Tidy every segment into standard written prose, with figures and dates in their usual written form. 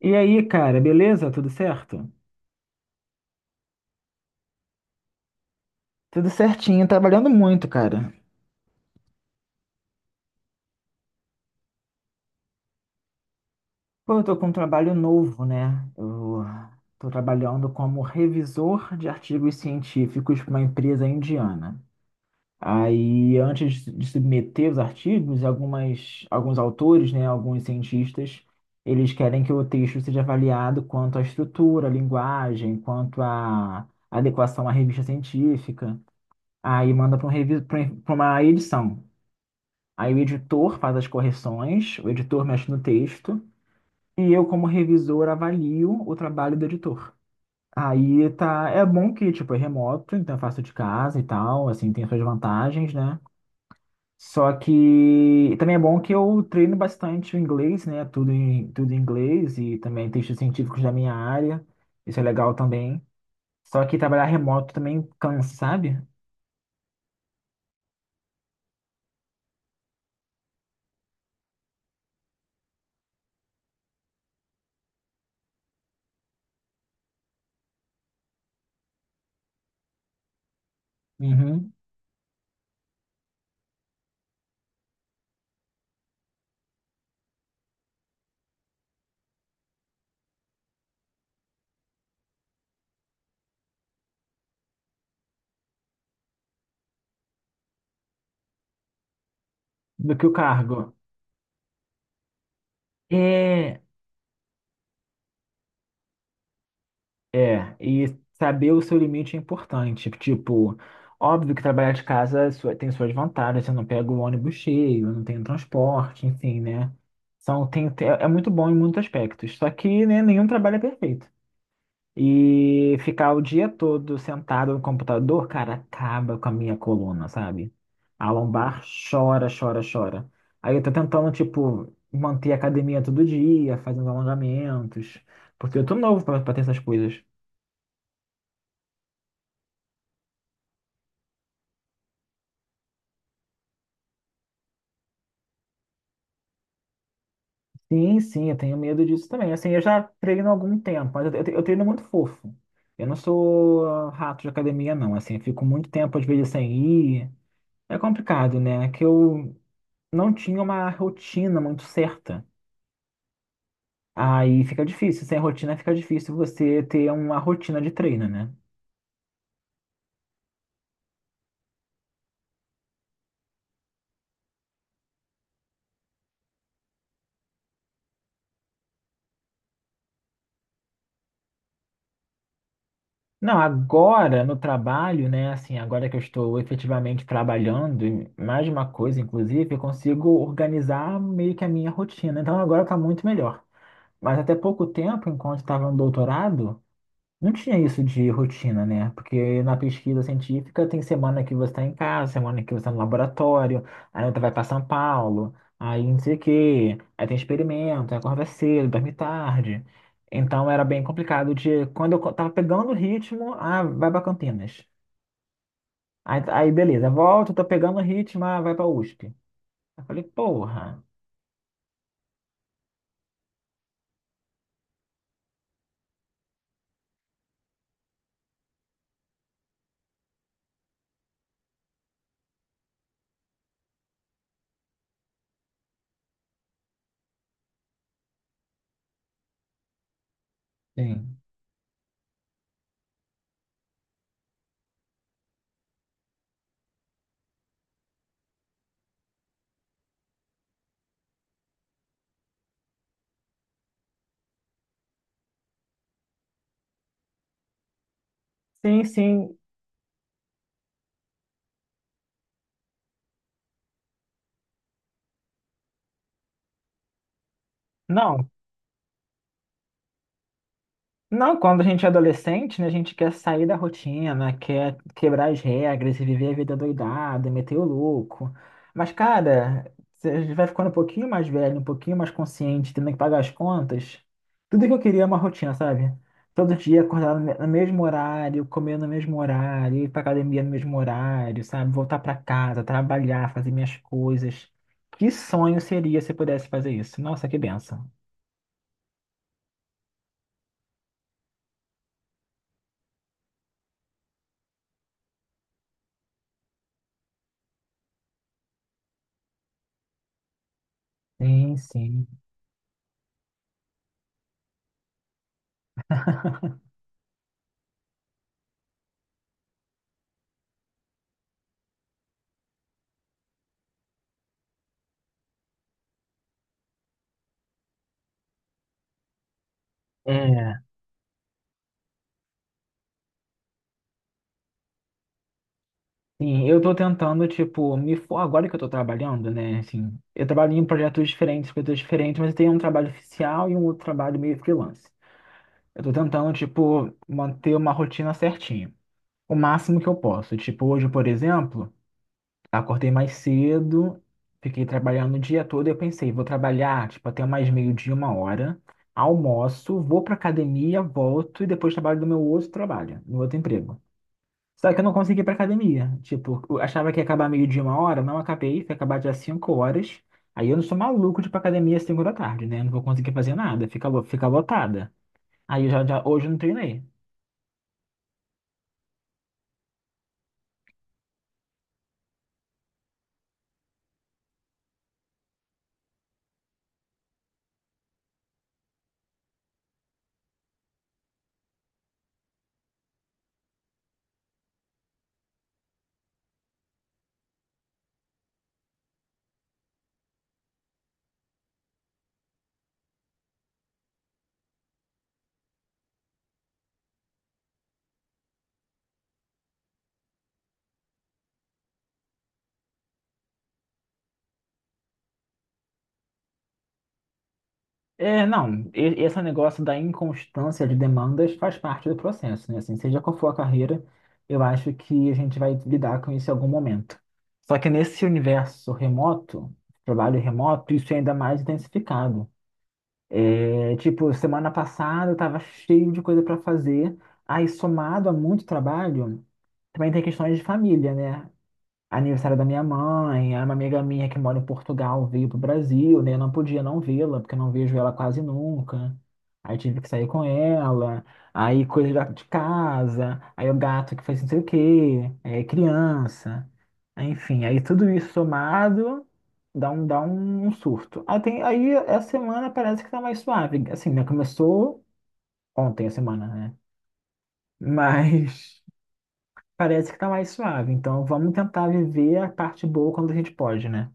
E aí, cara, beleza? Tudo certo? Tudo certinho, trabalhando muito, cara. Pô, eu tô com um trabalho novo, né? Eu tô trabalhando como revisor de artigos científicos para uma empresa indiana. Aí, antes de submeter os artigos, alguns autores, né, alguns cientistas, eles querem que o texto seja avaliado quanto à estrutura, à linguagem, quanto à adequação à revista científica. Aí manda para um revi- pra um, pra uma edição. Aí o editor faz as correções, o editor mexe no texto e eu, como revisor, avalio o trabalho do editor. Aí tá, é bom que tipo é remoto, então eu faço de casa e tal, assim, tem suas vantagens, né? Só que também é bom que eu treino bastante o inglês, né? Tudo em inglês e também textos científicos da minha área. Isso é legal também. Só que trabalhar remoto também cansa, sabe? Uhum. Do que o cargo. É, é, e saber o seu limite é importante. Tipo, óbvio que trabalhar de casa tem suas vantagens, você não pega o ônibus cheio, não tem transporte, enfim, né? São, tem, tem- é é muito bom em muitos aspectos. Só que, né, nenhum trabalho é perfeito. E ficar o dia todo sentado no computador, cara, acaba com a minha coluna, sabe? A lombar chora, chora, chora. Aí eu tô tentando, tipo, manter a academia todo dia, fazendo alongamentos, porque eu tô novo pra ter essas coisas. Sim, sim, eu tenho medo disso também. Assim, eu já treino há algum tempo, mas eu treino muito fofo. Eu não sou rato de academia, não. Assim, eu fico muito tempo, às vezes, sem ir. É complicado, né? É que eu não tinha uma rotina muito certa. Aí fica difícil. Sem rotina fica difícil você ter uma rotina de treino, né? Não, agora no trabalho, né? Assim, agora que eu estou efetivamente trabalhando, e mais de uma coisa, inclusive, eu consigo organizar meio que a minha rotina. Então agora tá muito melhor. Mas até pouco tempo, enquanto estava no doutorado, não tinha isso de rotina, né? Porque na pesquisa científica tem semana que você está em casa, semana que você está no laboratório, aí outra vai para São Paulo, aí não sei o quê, aí tem experimento, aí acorda cedo, dorme tarde. Então era bem complicado de. Quando tava pegando o ritmo, ah, vai para Campinas. Aí, beleza, volta, tô pegando o ritmo, ah, vai para USP. Eu falei, porra. Sim. Sim, sim. Não, não, quando a gente é adolescente, né, a gente quer sair da rotina, quer quebrar as regras e viver a vida doidada, meter o louco. Mas, cara, você vai ficando um pouquinho mais velho, um pouquinho mais consciente, tendo que pagar as contas. Tudo que eu queria é uma rotina, sabe? Todo dia acordar no mesmo horário, comer no mesmo horário, ir pra academia no mesmo horário, sabe? Voltar pra casa, trabalhar, fazer minhas coisas. Que sonho seria se eu pudesse fazer isso? Nossa, que benção. Sim, sim. É. Sim, eu tô tentando, tipo, agora que eu tô trabalhando, né? Assim, eu trabalho em projetos diferentes, coisas diferentes, mas eu tenho um trabalho oficial e um outro trabalho meio freelance. Eu tô tentando, tipo, manter uma rotina certinha. O máximo que eu posso. Tipo, hoje, por exemplo, acordei mais cedo, fiquei trabalhando o dia todo e eu pensei, vou trabalhar, tipo, até mais meio-dia, 1 hora, almoço, vou pra academia, volto e depois trabalho no meu outro trabalho, no outro emprego. Só que eu não consegui ir pra academia. Tipo, eu achava que ia acabar meio de uma hora, não acabei, foi acabar dia 5 horas. Aí eu não sou maluco de ir pra academia às 5 da tarde, né? Não vou conseguir fazer nada, fica lotada. Aí eu já, hoje eu não treinei. É, não, esse negócio da inconstância de demandas faz parte do processo, né? Assim, seja qual for a carreira, eu acho que a gente vai lidar com isso em algum momento. Só que nesse universo remoto, trabalho remoto, isso é ainda mais intensificado. É, tipo, semana passada eu tava cheio de coisa pra fazer. Aí, somado a muito trabalho, também tem questões de família, né? Aniversário da minha mãe, aí uma amiga minha que mora em Portugal veio pro Brasil, né? Eu não podia não vê-la, porque eu não vejo ela quase nunca. Aí tive que sair com ela, aí coisa de casa, aí o gato que fez não sei o quê, é, criança. Enfim, aí tudo isso somado dá um surto. Aí, tem, aí essa semana parece que tá mais suave. Assim, né? Começou ontem a semana, né? Mas. Parece que tá mais suave. Então vamos tentar viver a parte boa quando a gente pode, né?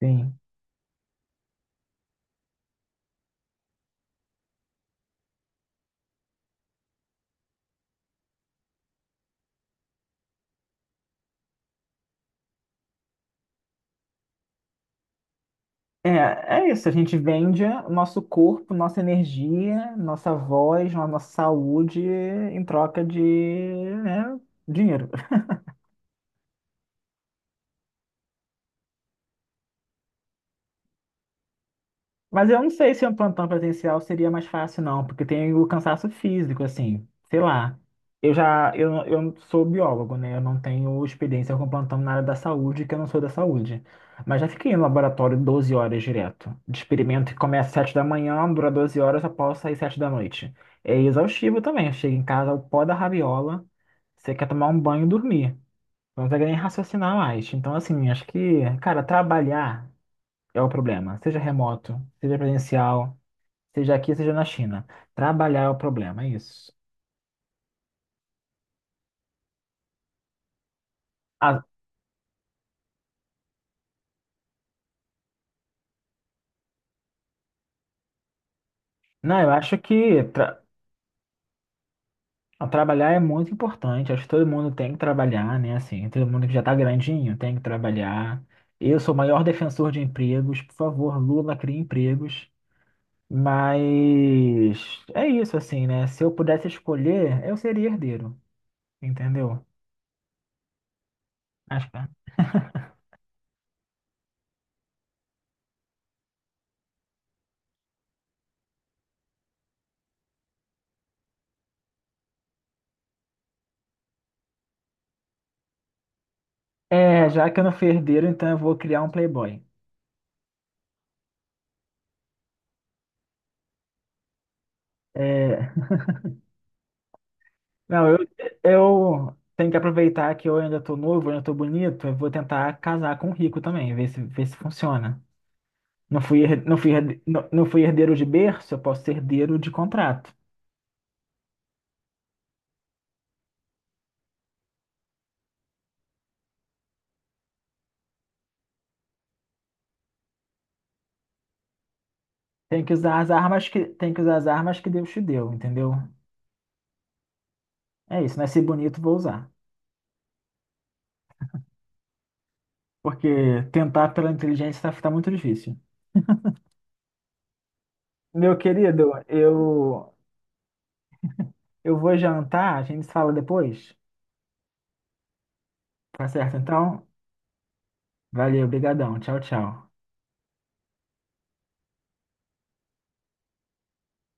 Sim. É, é isso. A gente vende o nosso corpo, nossa energia, nossa voz, a nossa saúde em troca de, né, dinheiro. Mas eu não sei se um plantão presencial seria mais fácil, não, porque tem o cansaço físico, assim, sei lá. Eu sou biólogo, né? Eu não tenho experiência com plantão na área da saúde, que eu não sou da saúde. Mas já fiquei no laboratório 12 horas direto, de experimento que começa às 7 da manhã, dura 12 horas, eu posso sair 7 da noite. É exaustivo também, eu chego em casa, o pó da rabiola, você quer tomar um banho e dormir. Não consegue nem raciocinar mais. Então, assim, acho que, cara, trabalhar é o problema. Seja remoto, seja presencial, seja aqui, seja na China. Trabalhar é o problema, é isso. Ah, não, eu acho que trabalhar é muito importante. Acho que todo mundo tem que trabalhar, né? Assim, todo mundo que já tá grandinho tem que trabalhar. Eu sou o maior defensor de empregos. Por favor, Lula, crie empregos. Mas é isso, assim, né? Se eu pudesse escolher, eu seria herdeiro, entendeu? Acho que é. É, já que eu não fui herdeiro, então eu vou criar um playboy. É, não, eu tenho que aproveitar que eu ainda tô novo, ainda tô bonito, eu vou tentar casar com o rico também, ver se funciona. Não fui herdeiro de berço, eu posso ser herdeiro de contrato. Tem que usar as armas que Deus te deu, entendeu? É isso, nasci bonito, vou usar. Porque tentar pela inteligência tá muito difícil. Meu querido, eu vou jantar, a gente se fala depois. Tá certo, então? Valeu, brigadão. Tchau, tchau.